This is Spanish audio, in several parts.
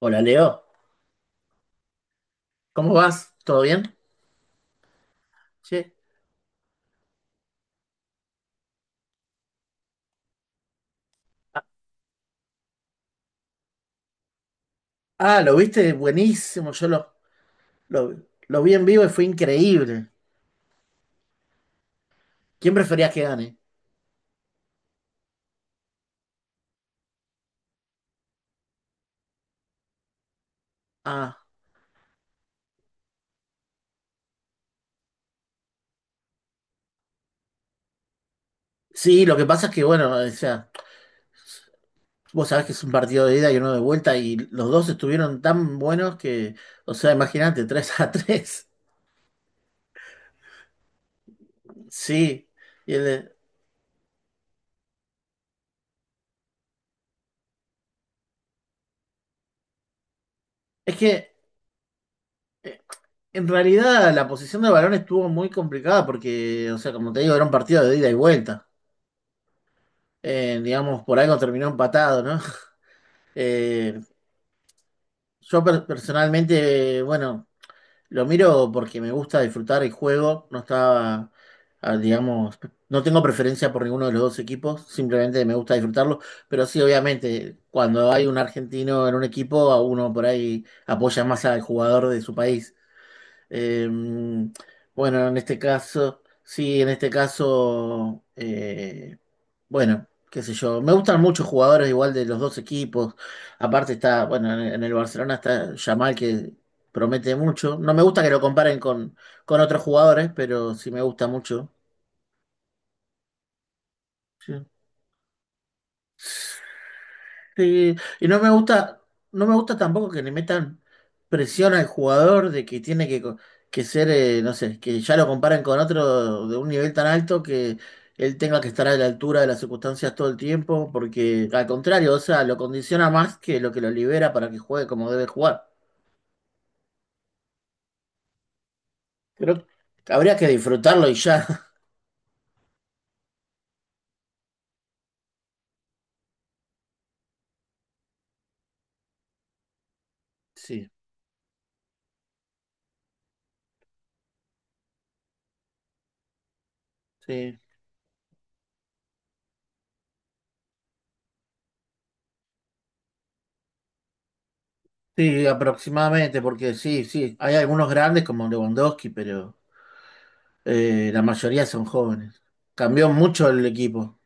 Hola Leo, ¿cómo vas? ¿Todo bien? Che. Ah, lo viste, buenísimo. Yo lo, lo, lo vi en vivo y fue increíble. ¿Quién preferías que gane? Ah, sí, lo que pasa es que, bueno, o sea, vos sabés que es un partido de ida y uno de vuelta y los dos estuvieron tan buenos que, o sea, imagínate, 3 a 3. Sí, y el- es que eh, en realidad la posición de balón estuvo muy complicada porque, o sea, como te digo, era un partido de ida y vuelta. Digamos, por algo terminó empatado, ¿no? Eh, personalmente, bueno, lo miro porque me gusta disfrutar el juego. Digamos, no tengo preferencia por ninguno de los dos equipos, simplemente me gusta disfrutarlo. Pero sí, obviamente, cuando hay un argentino en un equipo, a uno por ahí apoya más al jugador de su país. Eh, bueno, en este caso, sí, en este caso, bueno, qué sé yo. Me gustan muchos jugadores igual de los dos equipos. Aparte está, bueno, en el Barcelona está Yamal que promete mucho. No me gusta que lo comparen con otros jugadores, pero sí me gusta mucho. Sí. Sí, y no me gusta, no me gusta tampoco que le metan presión al jugador de que tiene que, que ser, no sé, que ya lo comparen con otro de un nivel tan alto que él tenga que estar a la altura de las circunstancias todo el tiempo, porque al contrario, o sea, lo condiciona más que lo libera para que juegue como debe jugar. Creo que habría que disfrutarlo y ya. Sí, sí, sí, aproximadamente, porque sí, sí, hay algunos grandes como Lewandowski, pero… la mayoría son jóvenes. Cambió mucho el equipo.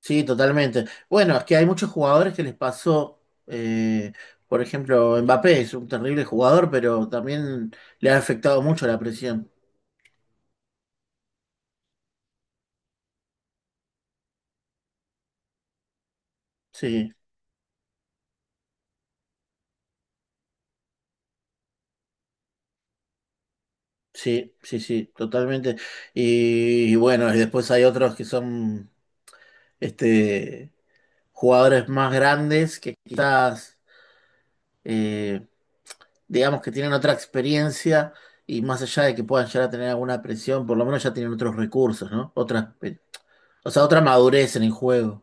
Sí, totalmente. Bueno, es que hay muchos jugadores que les pasó, eh, por ejemplo, Mbappé es un terrible jugador, pero también le ha afectado mucho la presión. Sí, sí, sí, sí, totalmente. Y bueno, y después hay otros que son este, jugadores más grandes que quizás… eh, digamos que tienen otra experiencia y más allá de que puedan llegar a tener alguna presión, por lo menos ya tienen otros recursos, ¿no? Otra, o sea, otra madurez en el juego.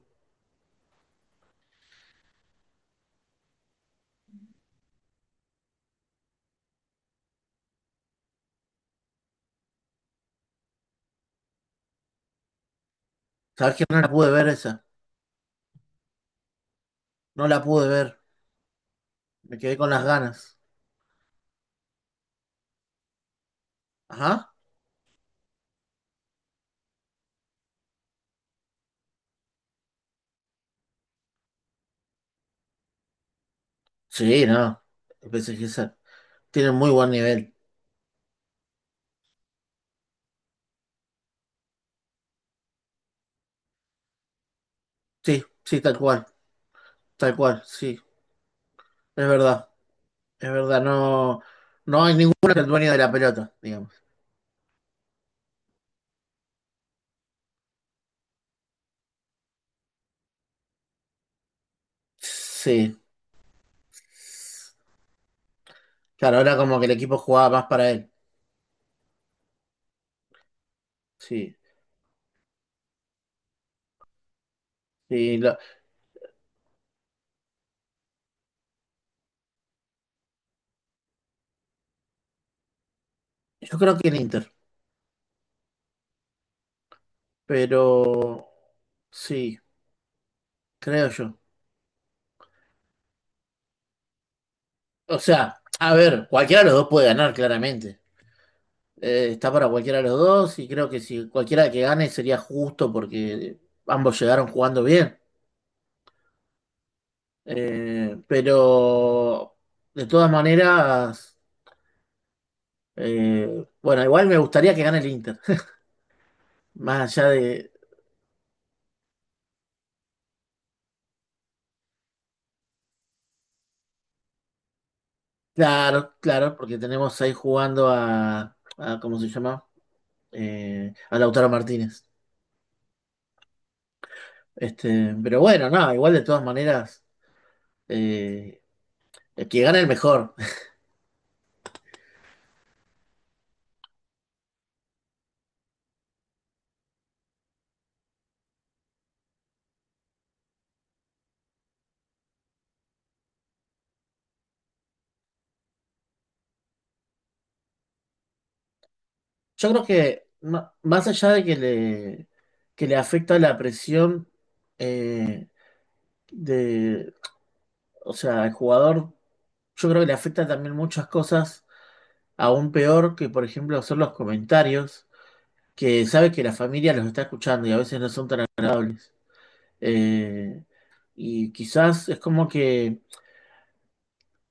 ¿Sabes que no la pude ver esa? No la pude ver. Me quedé con las ganas. Ajá. Sí, no. El PSG tiene muy buen nivel. Sí, sí, tal cual. Tal cual, sí. Es verdad. Es verdad. No, no hay ninguno que el dueño de la pelota, digamos. Sí. Claro, ahora como que el equipo jugaba más para él. Sí. Sí, yo creo que el Inter. Pero sí, creo yo. O sea, a ver, cualquiera de los dos puede ganar, claramente. Está para cualquiera de los dos y creo que si cualquiera que gane sería justo porque ambos llegaron jugando bien. Pero de todas maneras, bueno, igual me gustaría que gane el Inter. Más allá de… Claro, claro, porque tenemos ahí jugando a… a ¿cómo se llama? A Lautaro Martínez. Este, pero bueno, nada, igual de todas maneras eh, el que gana el mejor. Yo creo que más allá de que le afecta la presión eh, de, o sea, al jugador, yo creo que le afecta también muchas cosas, aún peor que, por ejemplo, son los comentarios, que sabe que la familia los está escuchando y a veces no son tan agradables. Eh, y quizás es como que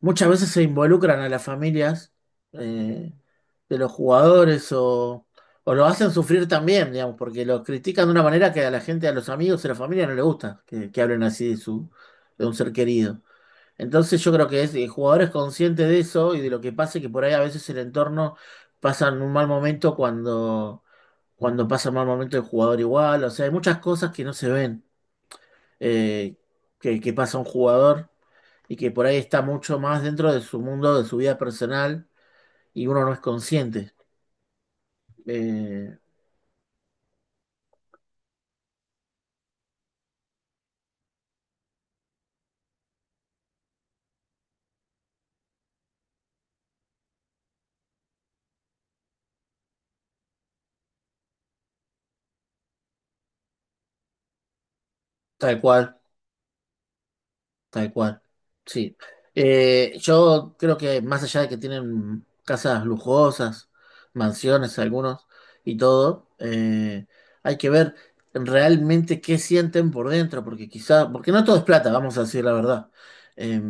muchas veces se involucran a las familias eh, de los jugadores o lo hacen sufrir también, digamos, porque los critican de una manera que a la gente, a los amigos y a la familia no le gusta que hablen así de su, de un ser querido. Entonces yo creo que es, el jugador es consciente de eso y de lo que pasa, y que por ahí a veces el entorno pasa en un mal momento cuando, cuando pasa un mal momento el jugador igual. O sea, hay muchas cosas que no se ven eh, que pasa un jugador y que por ahí está mucho más dentro de su mundo, de su vida personal, y uno no es consciente. Eh, tal cual. Tal cual, sí. Yo creo que más allá de que tienen casas lujosas, mansiones algunos y todo, hay que ver realmente qué sienten por dentro, porque quizá, porque no todo es plata, vamos a decir la verdad. Eh,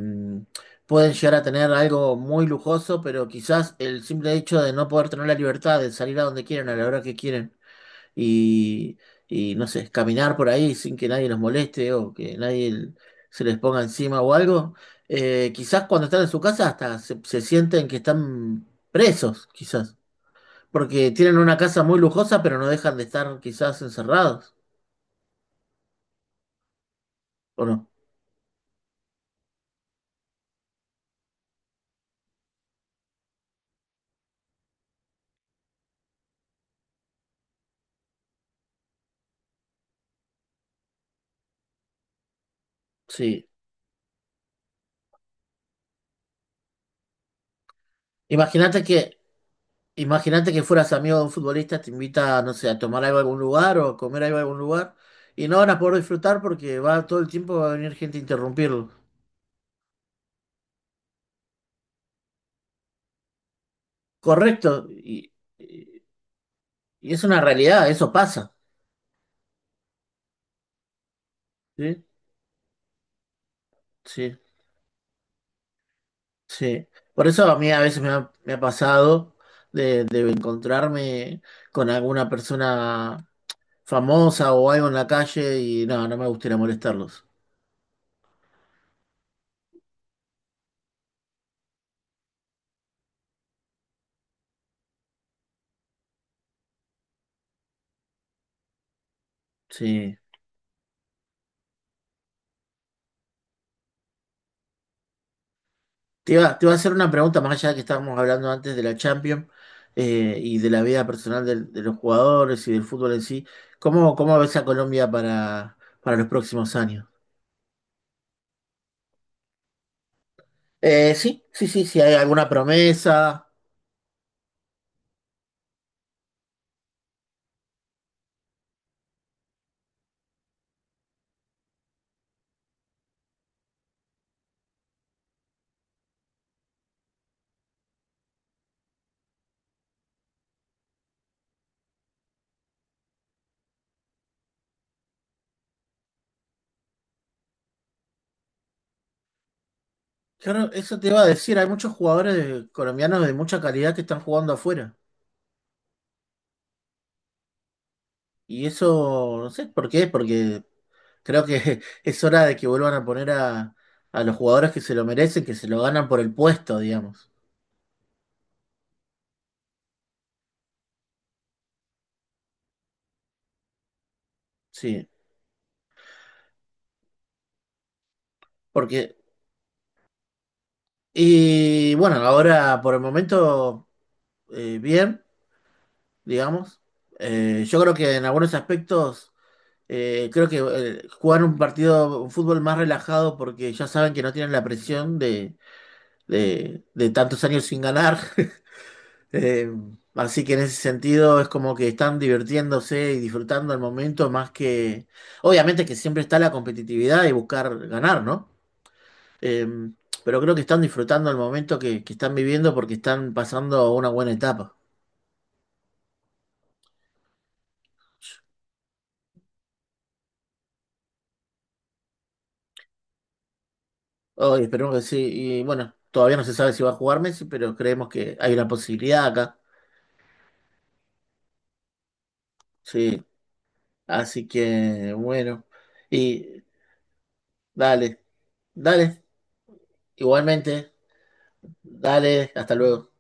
pueden llegar a tener algo muy lujoso, pero quizás el simple hecho de no poder tener la libertad de salir a donde quieren, a la hora que quieren y, y, no sé, caminar por ahí sin que nadie los moleste o que nadie l- se les ponga encima o algo. Quizás cuando están en su casa hasta se, se sienten que están presos, quizás, porque tienen una casa muy lujosa, pero no dejan de estar quizás encerrados, ¿o no? Sí. Imagínate que, imagínate que fueras amigo de un futbolista, te invita, no sé, a tomar algo a algún lugar o a comer algo a algún lugar. Y no van a poder disfrutar porque va todo el tiempo va a venir gente a interrumpirlo. Correcto. Y es una realidad, eso pasa. Sí, sí, sí. Por eso a mí a veces me ha pasado de encontrarme con alguna persona famosa o algo en la calle y no, no me gustaría molestarlos. Sí. Te iba a hacer una pregunta más allá de que estábamos hablando antes de la Champions y de la vida personal de los jugadores y del fútbol en sí. ¿Cómo, cómo ves a Colombia para los próximos años? Sí, sí, sí, si hay alguna promesa. Claro, eso te iba a decir, hay muchos jugadores colombianos de mucha calidad que están jugando afuera. Y eso, no sé por qué, porque creo que es hora de que vuelvan a poner a los jugadores que se lo merecen, que se lo ganan por el puesto, digamos. Sí, porque, y bueno, ahora por el momento, bien, digamos. Yo creo que en algunos aspectos, creo que jugar un partido, un fútbol más relajado porque ya saben que no tienen la presión de tantos años sin ganar. Eh, así que en ese sentido es como que están divirtiéndose y disfrutando el momento más que… Obviamente que siempre está la competitividad y buscar ganar, ¿no? Eh, pero creo que están disfrutando el momento que están viviendo porque están pasando una buena etapa. Oh, y esperemos que sí. Y bueno, todavía no se sabe si va a jugar Messi, pero creemos que hay una posibilidad acá. Sí. Así que bueno. Y dale, dale. Igualmente. Dale, hasta luego.